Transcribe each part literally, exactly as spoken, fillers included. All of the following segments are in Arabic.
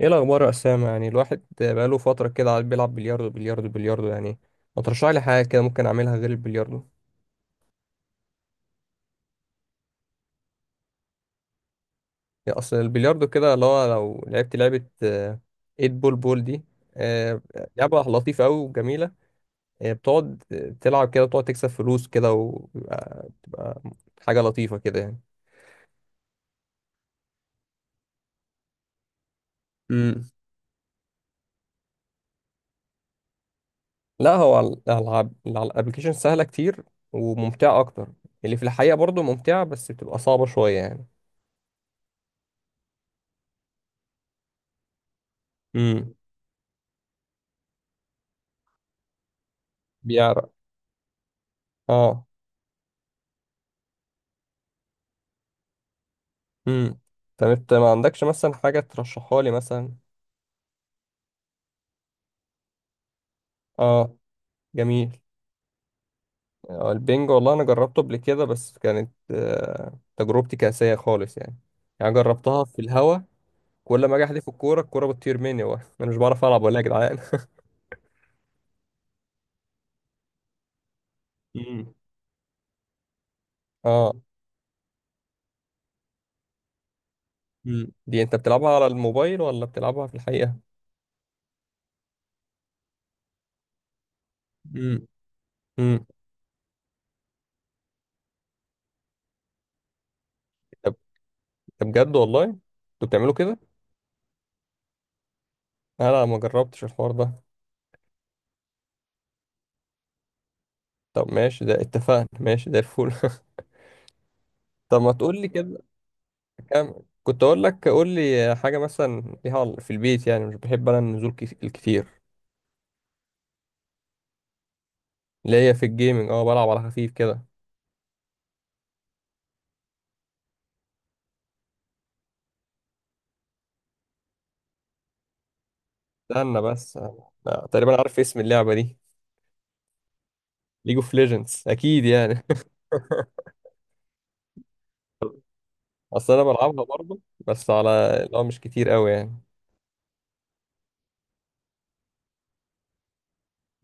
ايه الاخبار يا اسامه؟ يعني الواحد بقاله فتره كده قاعد بيلعب بلياردو بلياردو بلياردو يعني، ما ترشح لي حاجه كده ممكن اعملها غير البلياردو؟ يعني اصل البلياردو كده اللي هو لو لعبت لعبه تمانية بول، بول دي. آه، لعبه لطيفه قوي وجميله. آه، بتقعد تلعب كده وتقعد تكسب فلوس كده، وبتبقى بتبقى حاجه لطيفه كده يعني. امم لا، هو على الالعاب على الابلكيشن سهله كتير وممتعه اكتر. اللي في الحقيقه برضو ممتعه، بس بتبقى صعبه شويه يعني. امم بيعرق. اه. امم طب انت ما عندكش مثلا حاجة ترشحها لي مثلا؟ اه، جميل. آه، البنج والله انا جربته قبل كده، بس كانت آه تجربتي كاسية خالص يعني. يعني جربتها في الهوا. كل ما اجي احدف الكورة، الكورة بتطير مني، و- انا مش بعرف العب ولا يا جدعان. امم اه. امم دي انت بتلعبها على الموبايل ولا بتلعبها في الحقيقة؟ امم امم طب، ده بجد والله انتوا بتعملوا كده؟ انا لا، ما جربتش الحوار ده. طب ماشي، ده اتفقنا. ماشي ده الفول طب ما تقول لي كده كام؟ كنت اقول لك قول لي حاجه مثلا ليها في البيت، يعني مش بحب انا النزول كت- الكتير. اللي هي في الجيمنج، اه بلعب على خفيف كده. استنى بس، لا تقريبا عارف اسم اللعبه دي. ليج اوف ليجندز اكيد يعني. اصل انا بلعبها برضه، بس على اللي هو مش كتير قوي يعني.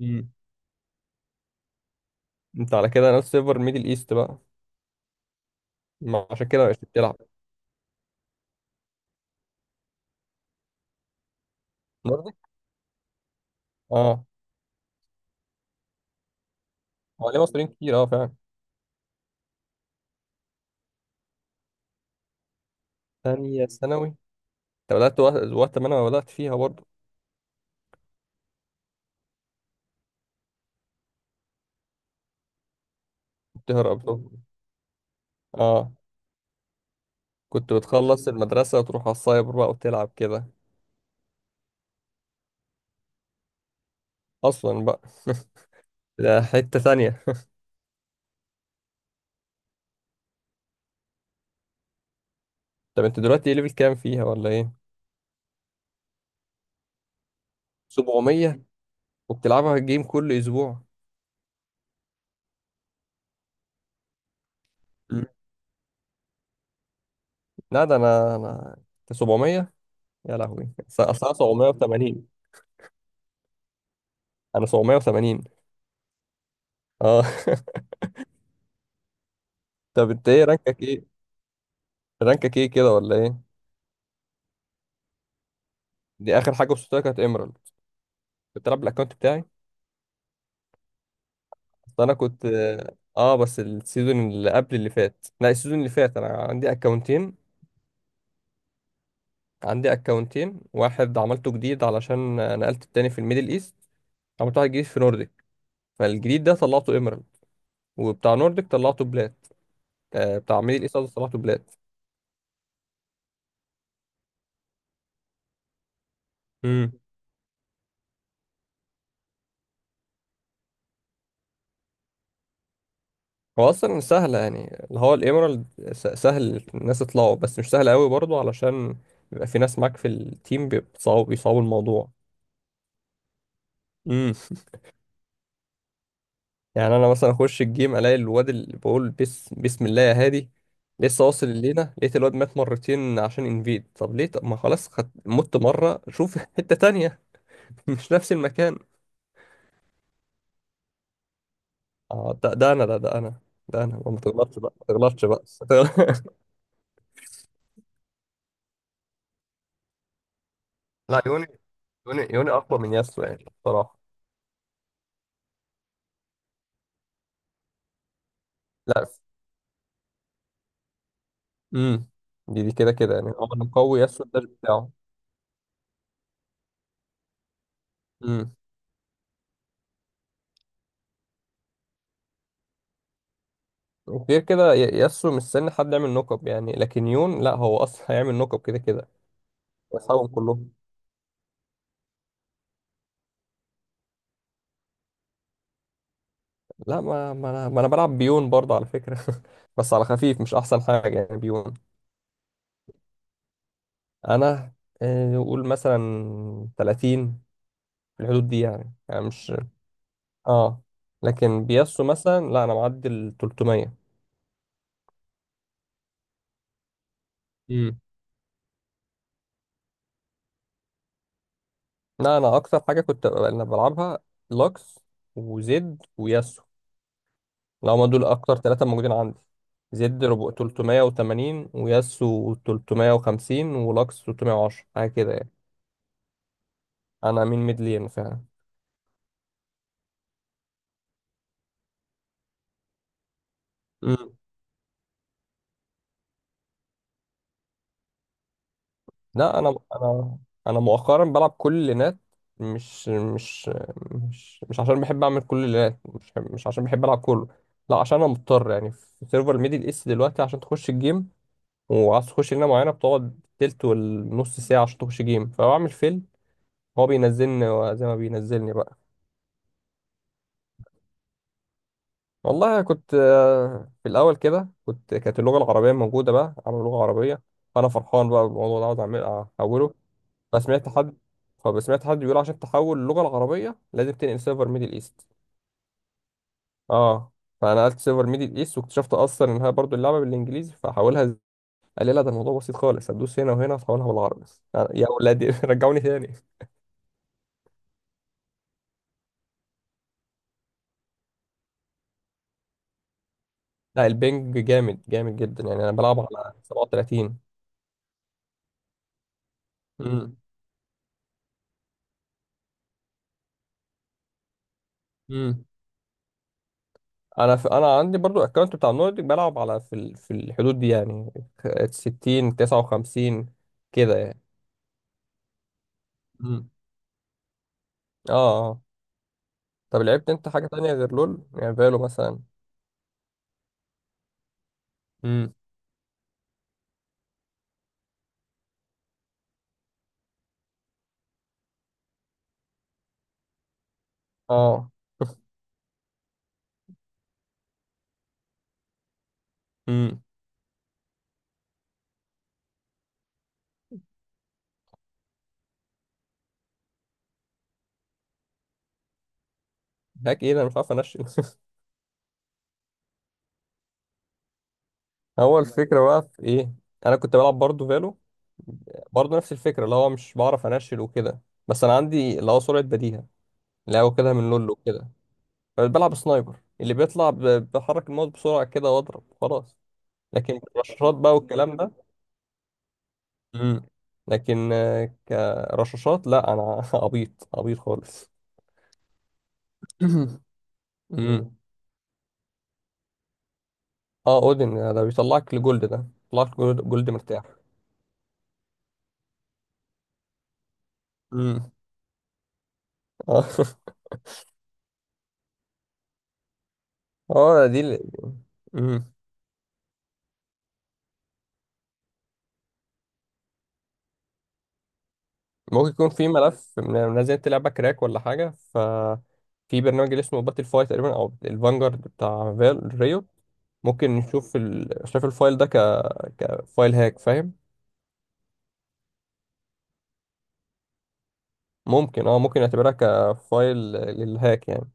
مم. انت على كده ناس سيرفر ميدل ايست بقى. ما عشان كده مش بتلعب برضه. اه، هو ليه مصريين كتير؟ اه فعلا. ثانيه ثانوي؟ انت بدات وقت وقت ما انا بدات فيها برضه. كنت بتهرب؟ اه، كنت بتخلص المدرسة وتروح على السايبر بقى وتلعب كده. أصلا بقى ده حتة ثانية. طب أنت دلوقتي إيه ليفل كام فيها ولا إيه؟ سبعمية وبتلعبها الجيم كل أسبوع. مم. لا، ده أنا أنا أنت سبعمية؟ يا لهوي، أصل أصل أنا سبعمية وتمانين. أنا سبعمائة وثمانين أه طب أنت إيه رانكك إيه؟ رانكك إيه كده ولا إيه؟ دي آخر حاجة وصلت لها كانت إيمرالد. بتلعب بالأكونت بتاعي. أصل أنا كنت آه آه، بس السيزون اللي قبل اللي فات، لا السيزون اللي فات، أنا عندي أكونتين. عندي اكونتين، واحد عملته جديد علشان نقلت التاني في الميدل ايست، عملت واحد جديد في نورديك. فالجديد ده طلعته ايميرالد، وبتاع نورديك طلعته بلات. آه، بتاع ميدل ايست قصدي طلعته بلات. امم. هو اصلا سهل يعني اللي هو الايميرالد. س- سهل الناس تطلعه، بس مش سهل قوي برضه، علشان بيبقى في ناس معاك في التيم بيصعبوا بيصعبوا الموضوع. يعني انا مثلا اخش الجيم الاقي الواد اللي بقول بس بسم الله يا هادي، لسه واصل الليله، لقيت الواد مات مرتين عشان انفيد. طب ليه؟ طب ما خلاص خد... مت مره، شوف حته تانية. مش نفس المكان. اه ده, ده انا ده, ده انا. ده انا ما تغلطش بقى، ما تغلطش بقى لا يوني، يوني يوني اقوى من ياسو يعني بصراحه. لا. امم دي دي كده كده يعني، هو اللي مقوي ياسو الداش بتاعه. امم وغير كده ي- ياسو مستني حد يعمل نوك اب يعني، لكن يون لا، هو اصلا هيعمل نوك اب كده كده. واصحابهم كلهم. لا، ما ما انا ما انا بلعب بيون برضه على فكره بس على خفيف، مش احسن حاجه يعني بيون. انا آه، نقول مثلا ثلاثين، في الحدود دي يعني، يعني مش. اه، لكن بياسو مثلا لا، انا معدي ال التلتمية. امم. لا انا اكتر حاجه كنت ب- انا بلعبها، لوكس وزد وياسو. لو ما دول اكتر ثلاثه موجودين عندي. زد ربع ثلاثمائة وثمانين، وياسو ثلاثمائة وخمسين، ولوكس تلتمية وعشرة، حاجه كده يعني. انا مين ميدلين فعلا. لا، انا انا انا مؤخرا بلعب كل اللينات. مش مش مش مش عشان بحب اعمل كل اللينات، مش مش عشان بحب العب كله، لا عشان انا مضطر يعني. في سيرفر ميدل ايست دلوقتي، عشان تخش الجيم وعايز تخش لينه معينه، بتقعد تلت والنص ساعه عشان تخش جيم، فبعمل فيل. هو بينزلني زي ما بينزلني بقى. والله كنت آه، في الاول كده كنت، كانت اللغه العربيه موجوده بقى، عامل لغه عربيه، فانا فرحان بقى بالموضوع ده، عاوز اعمل احوله. انا سمعت حد، فسمعت حد بيقول عشان تحول اللغه العربيه لازم تنقل سيرفر ميدل ايست. اه، فانا نقلت سيرفر ميدل ايست، واكتشفت اصلا انها برضو اللعبه بالانجليزي فحولها ز- قال لي لا، ده الموضوع بسيط خالص، هتدوس هنا وهنا هتحولها بالعربي. يعني يا ولادي رجعوني تاني. لا البنج جامد، جامد جدا يعني، انا بلعب على سبعة وتلاتين. امم امم انا في انا عندي برضو الاكونت بتاع النورديك، بلعب على في ال... في الحدود دي يعني، ستين، تسعة وخمسين كده يعني. امم اه. طب لعبت انت حاجة تانية غير لول يعني، فالو مثلا؟ امم اه. امم هاك ايه ده؟ انا مش عارف انشن هو الفكرة بقى في ايه؟ انا كنت بلعب برضو فالو، برضو نفس الفكرة، اللي هو مش بعرف انشل وكده. بس انا عندي اللي هو سرعة بديهة، اللي هو كده من لول وكده، فبلعب سنايبر اللي بيطلع ب- بحرك الماوس بسرعة كده واضرب خلاص. لكن الرشاشات بقى والكلام ده. امم لكن آه، كرشاشات لا، انا عبيط عبيط خالص امم اه، اودن ده بيطلعك لجولد. ده بيطلعك لجولد، جولد مرتاح. امم اه اه دي ال... امم ممكن يكون في ملف من- منزلت لعبه كراك ولا حاجه، ف في برنامج اللي اسمه باتل فاي تقريبا، او الفانجارد بتاع فال ريو. ممكن نشوف ال... شايف الفايل ده ك... كفايل هاك فاهم. ممكن، اه ممكن نعتبرها كفايل للهاك يعني.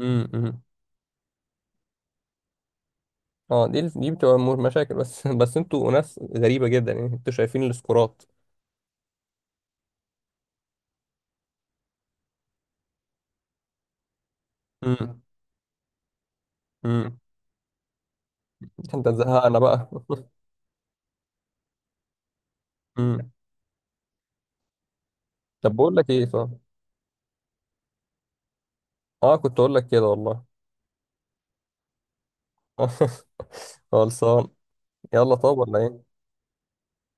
امم أمم. اه دي ال- دي بتبقى م- مشاكل، بس بس انتوا ناس غريبه جدا يعني، انتوا شايفين السكورات. امم انت زهقنا بقى امم طب بقول لك ايه، صح؟ اه كنت اقول لك كده والله خلصان. يلا طب، ولا ايه؟